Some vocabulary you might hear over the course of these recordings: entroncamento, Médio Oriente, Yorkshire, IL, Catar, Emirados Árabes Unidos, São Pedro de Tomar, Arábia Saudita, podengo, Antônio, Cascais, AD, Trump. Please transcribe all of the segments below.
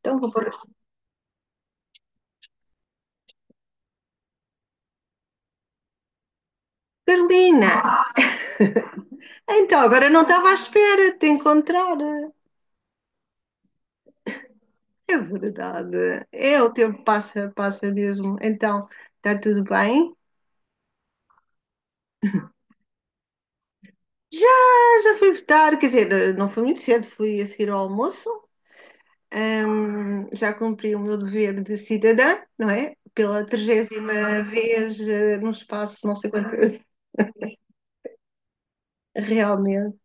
Então vou pôr. Carolina! Então agora não estava à espera de te encontrar. É verdade. É. O tempo passa, passa mesmo. Então, está tudo bem? Já, já fui votar, quer dizer, não foi muito cedo, fui a seguir ao almoço. Já cumpri o meu dever de cidadã, não é? Pela trigésima vez num espaço, não sei quanto, realmente.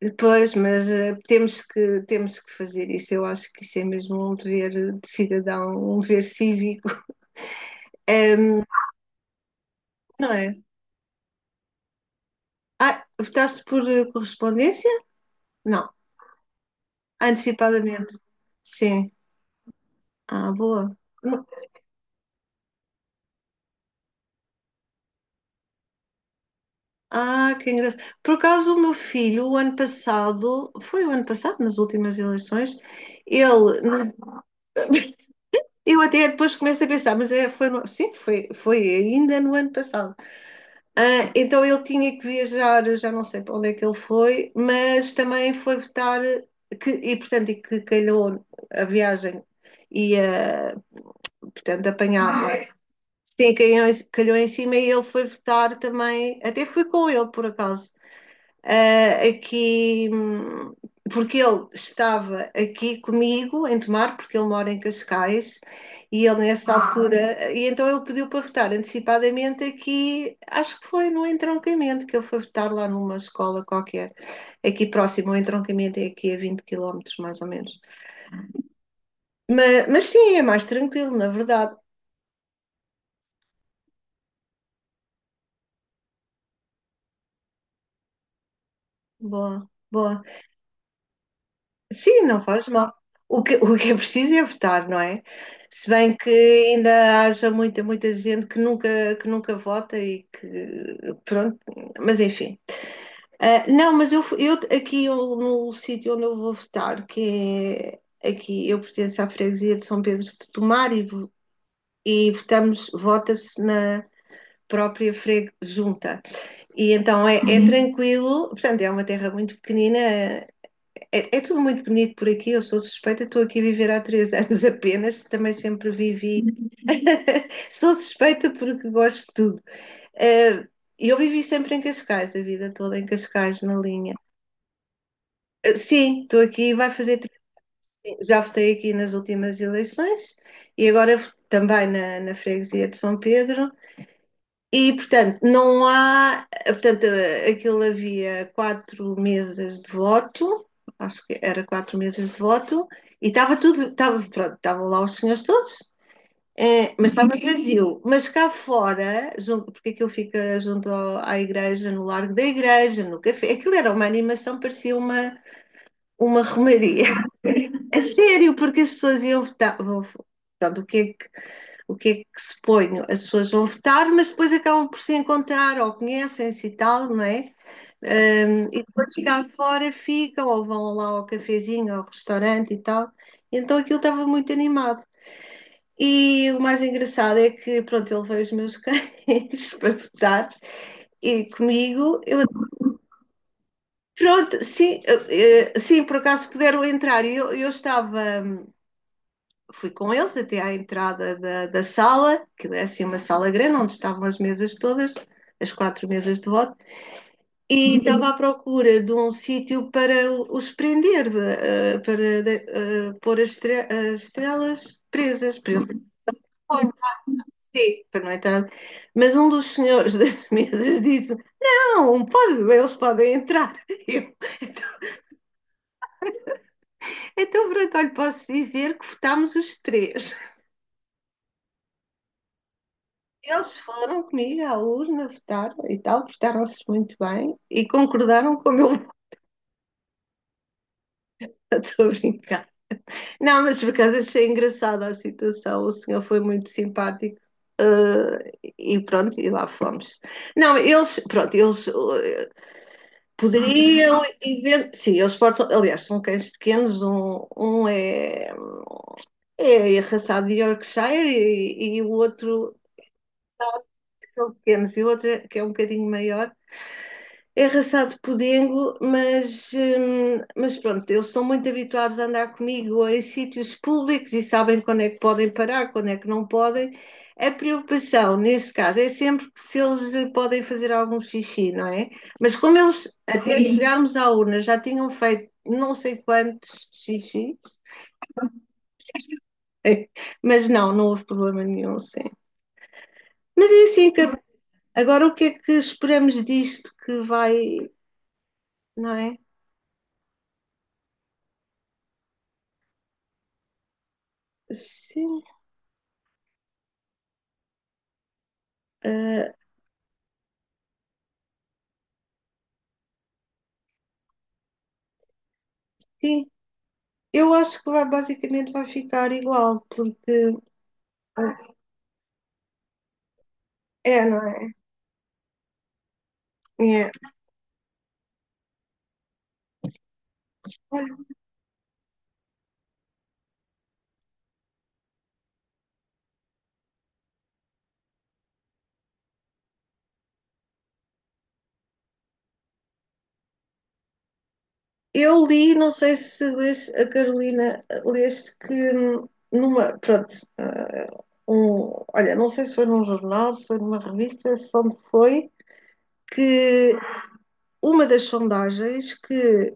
Depois, mas temos que fazer isso. Eu acho que isso é mesmo um dever de cidadão, um dever cívico, Ehm, não é? Ah, votaste por correspondência? Não, antecipadamente. Sim. Ah, boa. Não- Ah, que engraçado. Por acaso, o meu filho, o ano passado, foi o ano passado, nas últimas eleições, ele. No- Eu até depois começo a pensar, mas é, foi, no- sim, foi ainda no ano passado. Ah, então ele tinha que viajar, eu já não sei para onde é que ele foi, mas também foi votar, que, e portanto, e que calhou a viagem e a Portanto, apanhava. Sim, calhou, calhou em cima e ele foi votar também. Até fui com ele, por acaso. Aqui, porque ele estava aqui comigo em Tomar, porque ele mora em Cascais, e ele nessa altura. E então ele pediu para votar antecipadamente aqui, acho que foi no Entroncamento, que ele foi votar lá numa escola qualquer, aqui próximo. O Entroncamento é aqui a 20 quilómetros mais ou menos. Mas sim, é mais tranquilo, na verdade. Boa, boa. Sim, não faz mal. O que é preciso é votar, não é? Se bem que ainda haja muita, muita gente que nunca vota e que, pronto, mas enfim. Ah, não, mas eu, eu aqui eu, no sítio onde eu vou votar, que é aqui, eu pertenço à freguesia de São Pedro de Tomar e votamos, vota-se na própria freg junta. E então é. Uhum. Tranquilo, portanto é uma terra muito pequenina, é tudo muito bonito por aqui, eu sou suspeita, estou aqui a viver há três anos apenas, também sempre vivi. Sou suspeita porque gosto de tudo. Eh, E eu vivi sempre em Cascais, a vida toda em Cascais, na linha. Sim, estou aqui, vai fazer. Tri- Já votei aqui nas últimas eleições e agora também na freguesia de São Pedro. E, portanto, não há. Portanto, aquilo havia quatro mesas de voto, acho que era quatro mesas de voto, e estava tudo. Estava, pronto, estavam lá os senhores todos, mas estava vazio. Mas cá fora, junto- porque aquilo fica junto ao- à igreja, no largo da igreja, no café, aquilo era uma animação, parecia uma romaria. A sério, porque as pessoas iam votar. Vão- Pronto, o que é que se põe? As pessoas vão votar, mas depois acabam por se encontrar ou conhecem-se e tal, não é? E depois cá fora ficam ou vão lá ao cafezinho, ao restaurante e tal. E então aquilo estava muito animado. E o mais engraçado é que, pronto, ele veio os meus cães para votar e comigo, eu, pronto, sim, sim, por acaso puderam entrar. E eu estava fui com eles até à entrada da sala, que é assim uma sala grande, onde estavam as mesas todas, as quatro mesas de voto, e, Uhum, estava à procura de um sítio para os prender, para de- pôr as, estre- as estrelas presas, para ele sim, para não entrar. Mas um dos senhores das mesas disse: Não, pode, eles podem entrar. Eu, então, então, pronto, olha, posso dizer que votámos os três. Eles foram comigo à urna, votaram e tal, portaram-se muito bem e concordaram com o meu voto, estou a brincar. Não, mas por acaso achei engraçada a situação, o senhor foi muito simpático. eh, e pronto, e lá fomos. Não, eles, pronto, eles poderiam, even- sim, eles portam, aliás, são cães pequenos, um é arraçado de Yorkshire e o outro são pequenos, e o outro é, que é um bocadinho maior, É raçado podengo, mas pronto, eles estão muito habituados a andar comigo em sítios públicos e sabem quando é que podem parar, quando é que não podem. A preocupação, nesse caso, é sempre que se eles podem fazer algum xixi, não é? Mas como eles, até, Sim, chegarmos à urna, já tinham feito não sei quantos xixi, mas não, não houve problema nenhum, sim. Mas é assim, que agora o que é que esperamos disto que vai, não é? Sim, ah, sim. Eu acho que vai, basicamente vai ficar igual, porque é, não é? É. Eu li, não sei se leste, a Carolina, leste que numa, pronto, olha, não sei se foi num jornal, se foi numa revista, se onde foi, que uma das sondagens que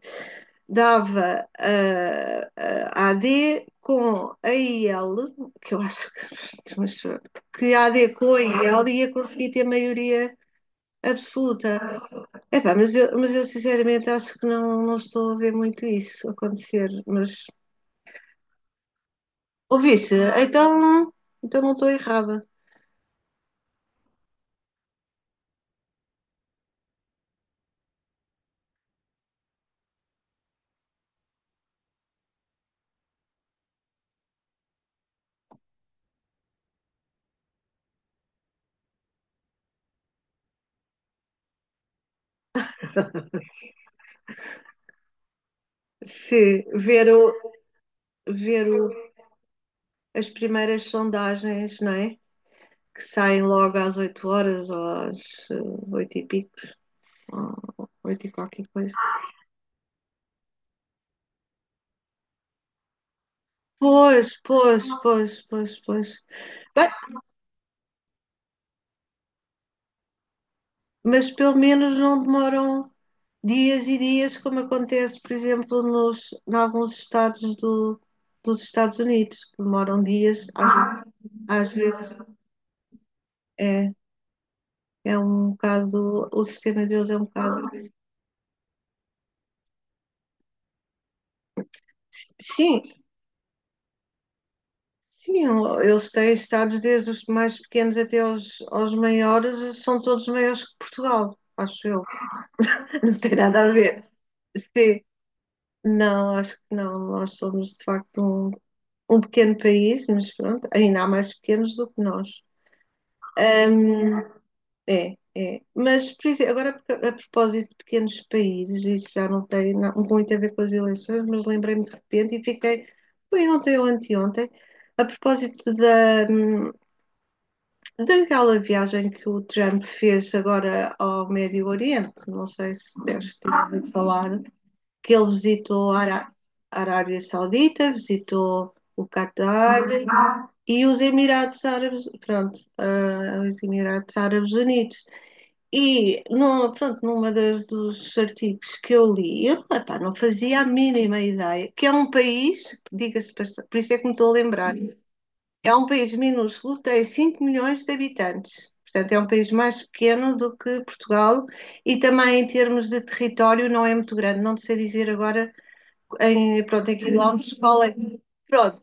dava a AD com a IL, que eu acho que, mas pronto, que a AD com a IL ia conseguir ter maioria absoluta. Epá, mas eu sinceramente acho que não, não estou a ver muito isso acontecer. Mas ouviste? Então não estou errada. Se ver, o, ver o, as primeiras sondagens, não é? Que saem logo às 8 horas ou às 8 e pico 8 e qualquer coisa. Pois, pois, pois, pois, pois. Bem, mas pelo menos não demoram dias e dias, como acontece, por exemplo, nos, em alguns estados do, dos Estados Unidos, que demoram dias, às vezes é, é um bocado, o sistema deles é um bocado. Sim, sim, eles têm estados desde os mais pequenos até aos maiores, são todos maiores que Portugal, acho eu. Não tem nada a ver. Sim, não, acho que não. Nós somos de facto um pequeno país, mas pronto, ainda há mais pequenos do que nós. Um, é. Mas, por exemplo, agora a propósito de pequenos países, isso já não tem na- muito a ver com as eleições, mas lembrei-me de repente e fiquei, foi ontem ou anteontem, a propósito daquela viagem que o Trump fez agora ao Médio Oriente, não sei se deves ter ouvido falar, que ele visitou a Ará- Arábia Saudita, visitou o Catar e os Emirados Árabes, pronto, os Emirados Árabes Unidos. E, no, pronto, numa das dos artigos que eu li, eu epá, não fazia a mínima ideia, que é um país, diga-se, passa- por isso é que me estou a lembrar, é um país minúsculo, tem 5 milhões de habitantes. Portanto, é um país mais pequeno do que Portugal e também em termos de território não é muito grande. Não sei dizer agora em, pronto, em quilómetros, qual é? Pronto,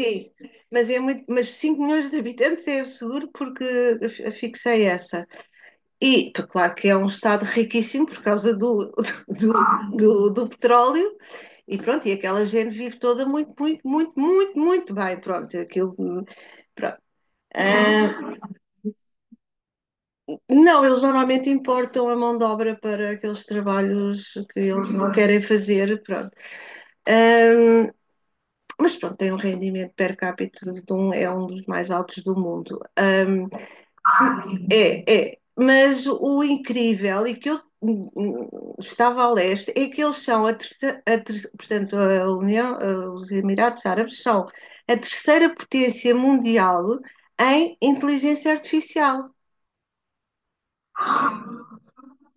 sim. Mas, é muito, mas 5 milhões de habitantes é seguro porque eu fixei essa. E, claro que é um estado riquíssimo por causa do, do petróleo e pronto, e aquela gente vive toda muito, muito, muito, muito, muito bem. Pronto, aquilo, pronto. Ah, não, eles normalmente importam a mão de obra para aqueles trabalhos que eles não querem fazer, pronto. Ah, mas pronto, tem um rendimento per capita de um, é um dos mais altos do mundo. Mas o incrível e que eu estava a leste é que eles são, portanto, a União, os Emirados Árabes são a terceira potência mundial em inteligência artificial.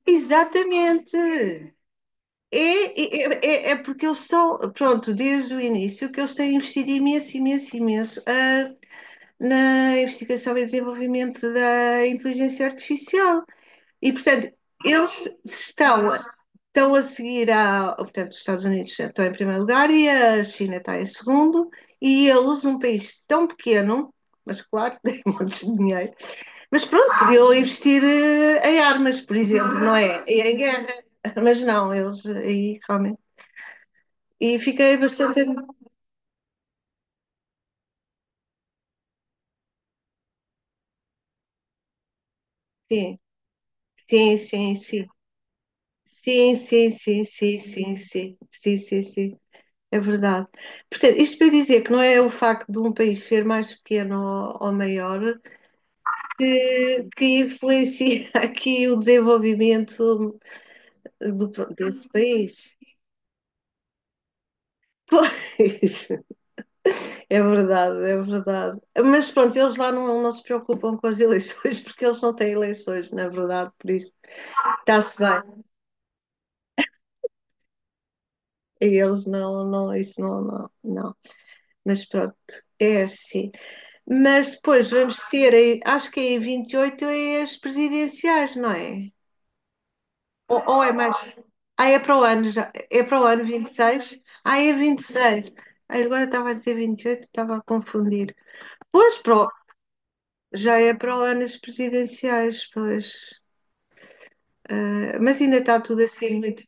Exatamente. É porque eles estão, pronto, desde o início que eles têm investido imenso, imenso, imenso na investigação e desenvolvimento da inteligência artificial. E, portanto, eles estão a seguir a. Portanto, os Estados Unidos estão em primeiro lugar e a China está em segundo, e eles, um país tão pequeno, mas claro que tem montes de dinheiro, mas pronto, podiam investir em armas, por exemplo, não é? E em guerra, mas não, eles aí realmente. E fiquei bastante. Sim, sim, sim, sim. Sim, sim, sim, sim, sim, sim, sim, sim, sim. É verdade. Portanto, isto para dizer que não é o facto de um país ser mais pequeno ou maior que influencia aqui o desenvolvimento do, desse país. Pois, é verdade, é verdade. Mas pronto, eles lá não, não se preocupam com as eleições porque eles não têm eleições, na verdade, por isso está-se bem. E eles não, não, isso não, não, não. Mas pronto, é assim. Mas depois vamos ter, aí- acho que é em 28 é as presidenciais, não é? Ou é mais. Ah, é para o ano já. É para o ano vinte e seis. Ah, é vinte e seis. Ah, agora estava a dizer vinte e oito, estava a confundir. Pois, para o- já é para o ano as presidenciais, pois. Ah, mas ainda está tudo assim muito.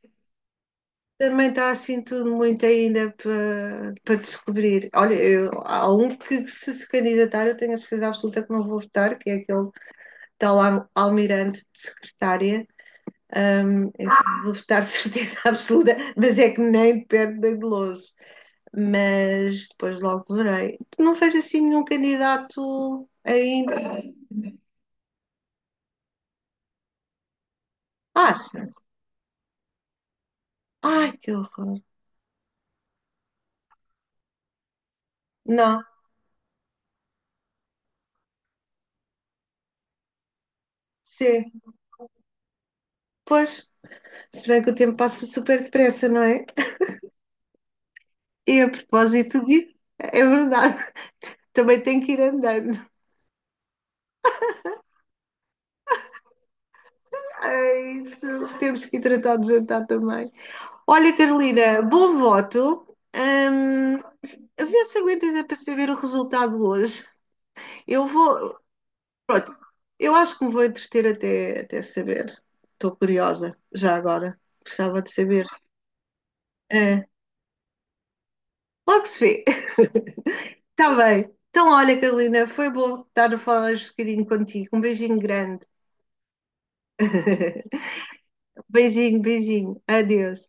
Também está assim tudo muito ainda para descobrir. Olha, eu- há um que se se candidatar, eu tenho a certeza absoluta que não vou votar, que é aquele tal al- almirante de secretária. Eu só vou votar de certeza absoluta, mas é que nem de perto da Goloso. Mas depois logo verei. Não vejo assim nenhum candidato ainda. Ah, sim. Ai, que horror. Não, sim. Pois, se bem que o tempo passa super depressa, não é? E a propósito disso, é verdade, também tem que ir andando. É isso, temos que ir tratar de jantar também. Olha, Carolina, bom voto. Ahm, a ver se aguentas é para saber o resultado hoje. Eu vou. Pronto, eu acho que me vou entreter até saber. Estou curiosa, já agora. Gostava de saber. Ah, logo se vê. Está bem. Então, olha, Carolina, foi bom estar a falar um bocadinho contigo. Um beijinho grande. Beijinho, beijinho. Adeus.